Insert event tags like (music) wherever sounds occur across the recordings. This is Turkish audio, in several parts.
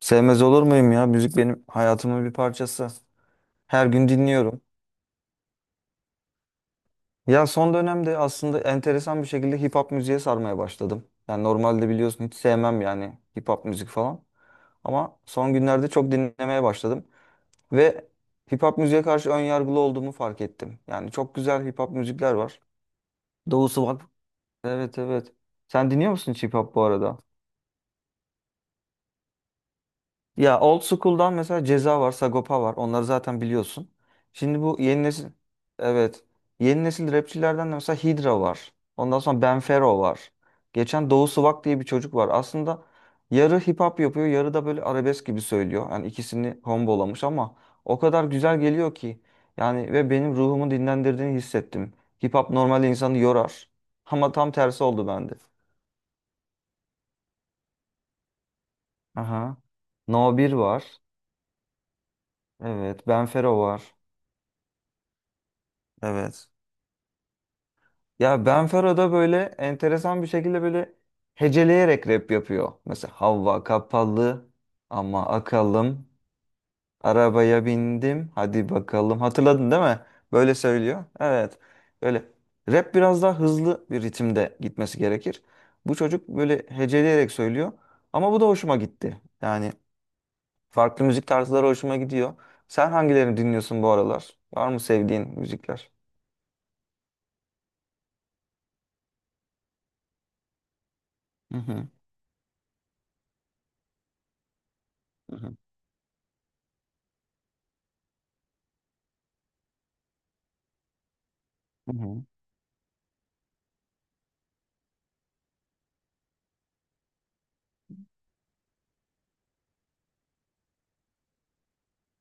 Sevmez olur muyum ya? Müzik benim hayatımın bir parçası. Her gün dinliyorum. Ya son dönemde aslında enteresan bir şekilde hip hop müziğe sarmaya başladım. Yani normalde biliyorsun hiç sevmem yani hip hop müzik falan. Ama son günlerde çok dinlemeye başladım. Ve hip hop müziğe karşı ön yargılı olduğumu fark ettim. Yani çok güzel hip hop müzikler var. Doğusu var. Evet, evet. Sen dinliyor musun hiç hip hop bu arada? Ya old school'dan mesela Ceza var, Sagopa var. Onları zaten biliyorsun. Şimdi bu yeni nesil, evet. Yeni nesil rapçilerden de mesela Hydra var. Ondan sonra Benfero var. Geçen Doğu Sıvak diye bir çocuk var. Aslında yarı hip hop yapıyor, yarı da böyle arabesk gibi söylüyor. Yani ikisini kombolamış ama o kadar güzel geliyor ki. Yani ve benim ruhumu dinlendirdiğini hissettim. Hip hop normal insanı yorar. (laughs) Ama tam tersi oldu bende. Aha. No 1 var. Evet. Benfero var. Evet. Ya Benfero'da böyle enteresan bir şekilde böyle heceleyerek rap yapıyor. Mesela, "Hava kapalı ama akalım. Arabaya bindim hadi bakalım." Hatırladın değil mi? Böyle söylüyor. Evet. Böyle rap biraz daha hızlı bir ritimde gitmesi gerekir. Bu çocuk böyle heceleyerek söylüyor. Ama bu da hoşuma gitti. Yani farklı müzik tarzları hoşuma gidiyor. Sen hangilerini dinliyorsun bu aralar? Var mı sevdiğin müzikler? Hı hı. Hı hı. Hı hı.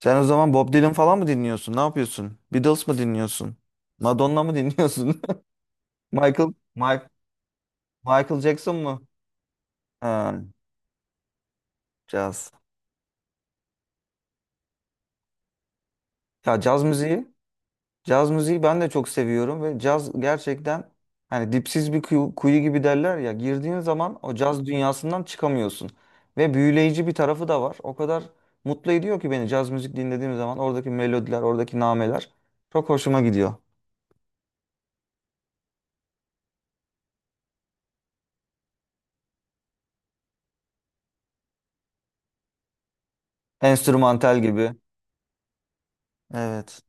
Sen o zaman Bob Dylan falan mı dinliyorsun? Ne yapıyorsun? Beatles mı dinliyorsun? Madonna mı dinliyorsun? (laughs) Michael, Mike, Michael Jackson mu? Ha, caz. Ya caz müziği, caz müziği ben de çok seviyorum ve caz gerçekten hani dipsiz bir kuyu, kuyu gibi derler ya, girdiğin zaman o caz dünyasından çıkamıyorsun. Ve büyüleyici bir tarafı da var. O kadar mutlu ediyor ki beni, caz müzik dinlediğim zaman oradaki melodiler, oradaki nameler çok hoşuma gidiyor. Enstrümantal gibi. Evet.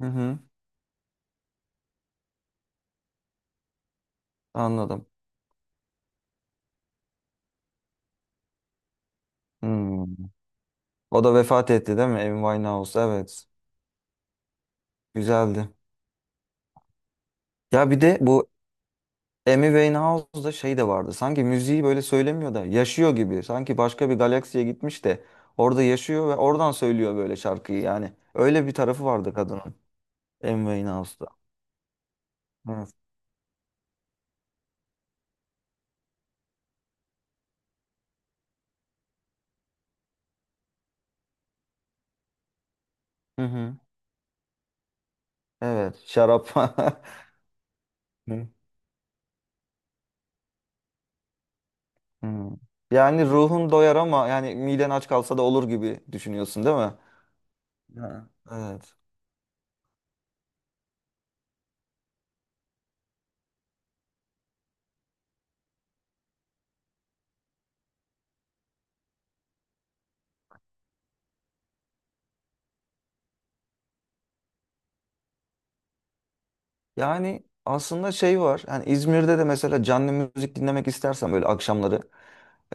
Hı hı, anladım. Hmm. O da vefat etti değil mi? Amy Winehouse. Evet. Güzeldi. Ya bir de bu Amy Winehouse'da şey de vardı. Sanki müziği böyle söylemiyor da yaşıyor gibi. Sanki başka bir galaksiye gitmiş de orada yaşıyor ve oradan söylüyor böyle şarkıyı yani. Öyle bir tarafı vardı kadının. Amy Winehouse'da. Evet. Hı hı. Evet. Şarap. (laughs) Hı. Hı. Yani ruhun doyar ama yani miden aç kalsa da olur gibi düşünüyorsun değil mi? Ha. Evet. Yani aslında şey var. Yani İzmir'de de mesela canlı müzik dinlemek istersen böyle akşamları,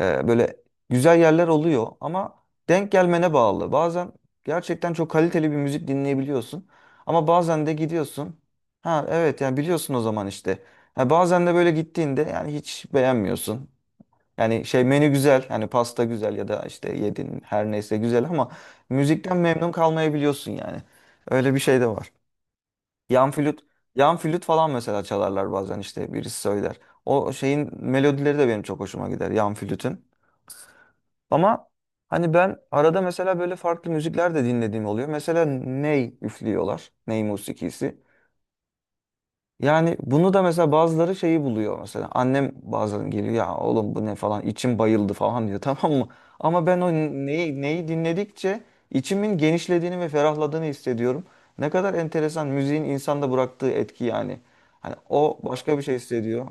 böyle güzel yerler oluyor ama denk gelmene bağlı. Bazen gerçekten çok kaliteli bir müzik dinleyebiliyorsun ama bazen de gidiyorsun. Ha, evet, yani biliyorsun o zaman işte. Ha, bazen de böyle gittiğinde yani hiç beğenmiyorsun. Yani şey, menü güzel, hani pasta güzel ya da işte yedin her neyse güzel ama müzikten memnun kalmayabiliyorsun yani. Öyle bir şey de var. Yan flüt, yan flüt falan mesela çalarlar bazen, işte birisi söyler. O şeyin melodileri de benim çok hoşuma gider, yan flütün. Ama hani ben arada mesela böyle farklı müzikler de dinlediğim oluyor. Mesela ney üflüyorlar. Ney musikisi. Yani bunu da mesela bazıları şeyi buluyor mesela. Annem bazen geliyor, "Ya oğlum, bu ne falan, içim bayıldı," falan diyor. (laughs) Tamam mı? Ama ben o neyi dinledikçe içimin genişlediğini ve ferahladığını hissediyorum. Ne kadar enteresan müziğin insanda bıraktığı etki yani. Hani o başka bir şey hissediyor.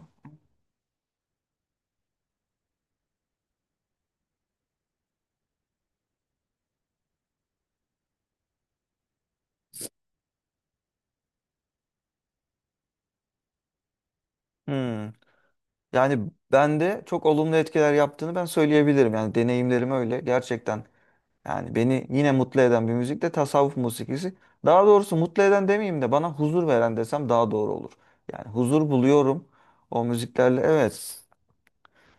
Hmm. Yani bende çok olumlu etkiler yaptığını ben söyleyebilirim. Yani deneyimlerim öyle gerçekten. Yani beni yine mutlu eden bir müzik de tasavvuf musikisi. Daha doğrusu mutlu eden demeyeyim de bana huzur veren desem daha doğru olur. Yani huzur buluyorum o müziklerle. Evet.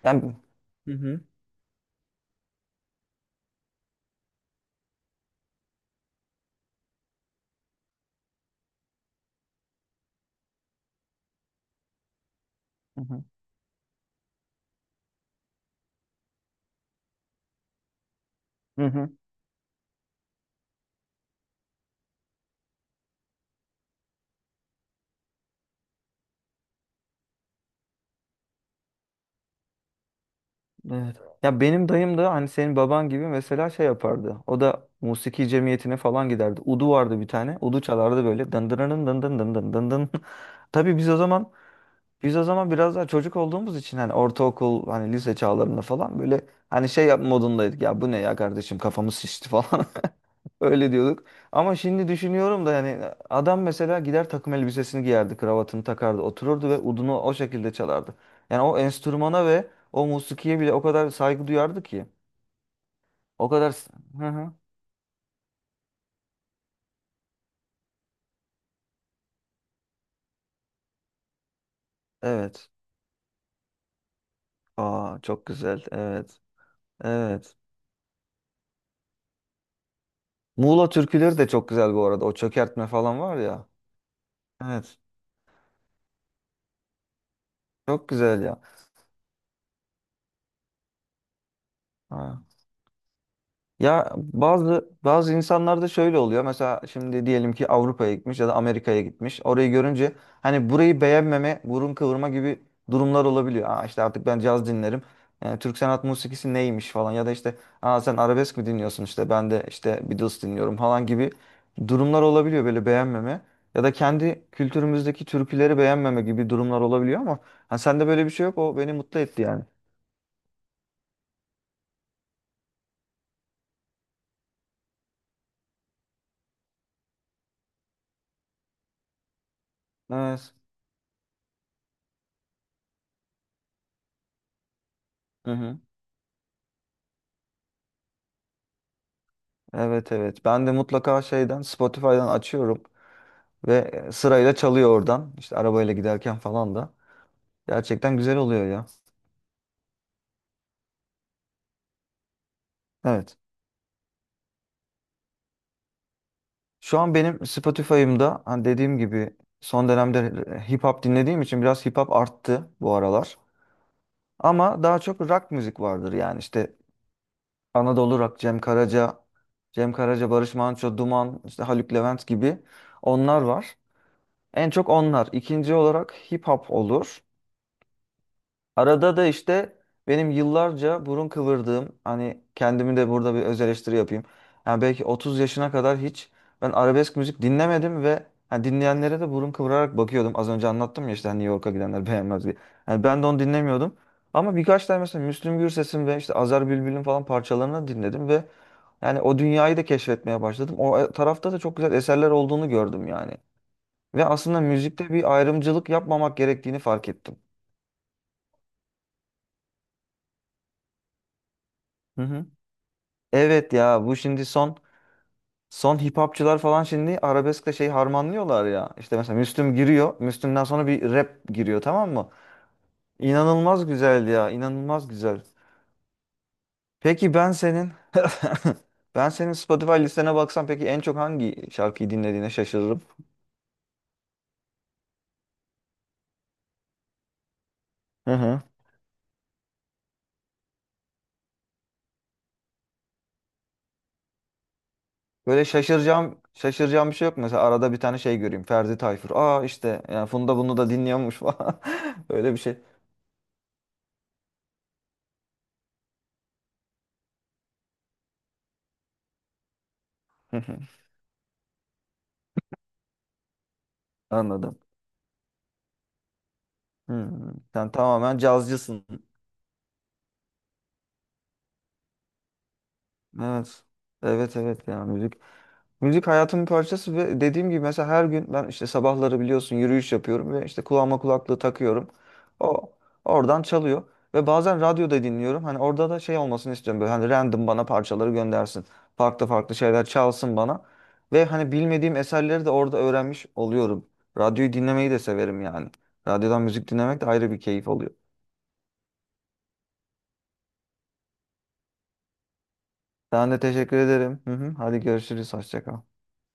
Yani. Hı hı. Hı hı. Hı hı. Evet. Ya benim dayım da hani senin baban gibi mesela şey yapardı. O da musiki cemiyetine falan giderdi. Udu vardı bir tane. Udu çalardı böyle. Dın dın dın dın dın dın dın dın dın. (laughs) Tabii, biz o zaman biraz daha çocuk olduğumuz için hani ortaokul, hani lise çağlarında falan böyle hani şey yap modundaydık ya, "Bu ne ya kardeşim, kafamız şişti," falan. (laughs) Öyle diyorduk. Ama şimdi düşünüyorum da yani adam mesela gider, takım elbisesini giyerdi, kravatını takardı, otururdu ve udunu o şekilde çalardı. Yani o enstrümana ve o musikiye bile o kadar saygı duyardı ki, o kadar. Hı hı. Evet. Aa, çok güzel, evet, evet. Muğla türküleri de çok güzel bu arada, o çökertme falan var ya. Evet, çok güzel ya. Ha. Ya bazı bazı insanlarda şöyle oluyor. Mesela şimdi diyelim ki Avrupa'ya gitmiş ya da Amerika'ya gitmiş. Orayı görünce hani burayı beğenmeme, burun kıvırma gibi durumlar olabiliyor. "Aa işte artık ben caz dinlerim. Yani Türk sanat musikisi neymiş falan." Ya da işte, "Aa sen arabesk mi dinliyorsun, işte ben de işte Beatles dinliyorum," falan gibi durumlar olabiliyor, böyle beğenmeme. Ya da kendi kültürümüzdeki türküleri beğenmeme gibi durumlar olabiliyor ama ha, sende böyle bir şey yok. O beni mutlu etti yani. Evet. Evet, evet. Ben de mutlaka şeyden, Spotify'dan açıyorum ve sırayla çalıyor oradan. İşte arabayla giderken falan da. Gerçekten güzel oluyor ya. Evet. Şu an benim Spotify'ımda, hani dediğim gibi, son dönemde hip hop dinlediğim için biraz hip hop arttı bu aralar. Ama daha çok rock müzik vardır yani, işte Anadolu Rock, Cem Karaca, Barış Manço, Duman, işte Haluk Levent gibi, onlar var. En çok onlar. İkinci olarak hip hop olur. Arada da işte benim yıllarca burun kıvırdığım, hani kendimi de burada bir öz eleştiri yapayım. Yani belki 30 yaşına kadar hiç ben arabesk müzik dinlemedim ve hani dinleyenlere de burun kıvırarak bakıyordum. Az önce anlattım ya, işte hani New York'a gidenler (laughs) beğenmez diye. Yani ben de onu dinlemiyordum. Ama birkaç tane mesela Müslüm Gürses'in ve işte Azer Bülbül'ün falan parçalarını dinledim ve yani o dünyayı da keşfetmeye başladım. O tarafta da çok güzel eserler olduğunu gördüm yani. Ve aslında müzikte bir ayrımcılık yapmamak gerektiğini fark ettim. Hı hı. Evet ya, bu şimdi son hip hopçılar falan şimdi arabeskle şey harmanlıyorlar ya. İşte mesela Müslüm giriyor. Müslüm'den sonra bir rap giriyor, tamam mı? İnanılmaz güzel ya, inanılmaz güzel. Peki ben senin (laughs) ben senin Spotify listene baksam peki en çok hangi şarkıyı dinlediğine şaşırırım. Hı hı. Böyle şaşıracağım bir şey yok mu? Mesela arada bir tane şey göreyim. Ferdi Tayfur. "Aa işte yani Funda bunu da dinliyormuş," falan. (laughs) Öyle bir şey. Hı hı. Anladım. Hı hı. Sen tamamen cazcısın. Evet. Evet, evet ya, müzik. Müzik hayatımın parçası ve dediğim gibi mesela her gün ben, işte sabahları biliyorsun, yürüyüş yapıyorum ve işte kulağıma kulaklığı takıyorum. O oradan çalıyor ve bazen radyoda dinliyorum. Hani orada da şey olmasını istiyorum, böyle hani random bana parçaları göndersin. Farklı farklı şeyler çalsın bana. Ve hani bilmediğim eserleri de orada öğrenmiş oluyorum. Radyoyu dinlemeyi de severim yani. Radyodan müzik dinlemek de ayrı bir keyif oluyor. Ben de teşekkür ederim. Hı hı. Hadi görüşürüz. Hoşça kal.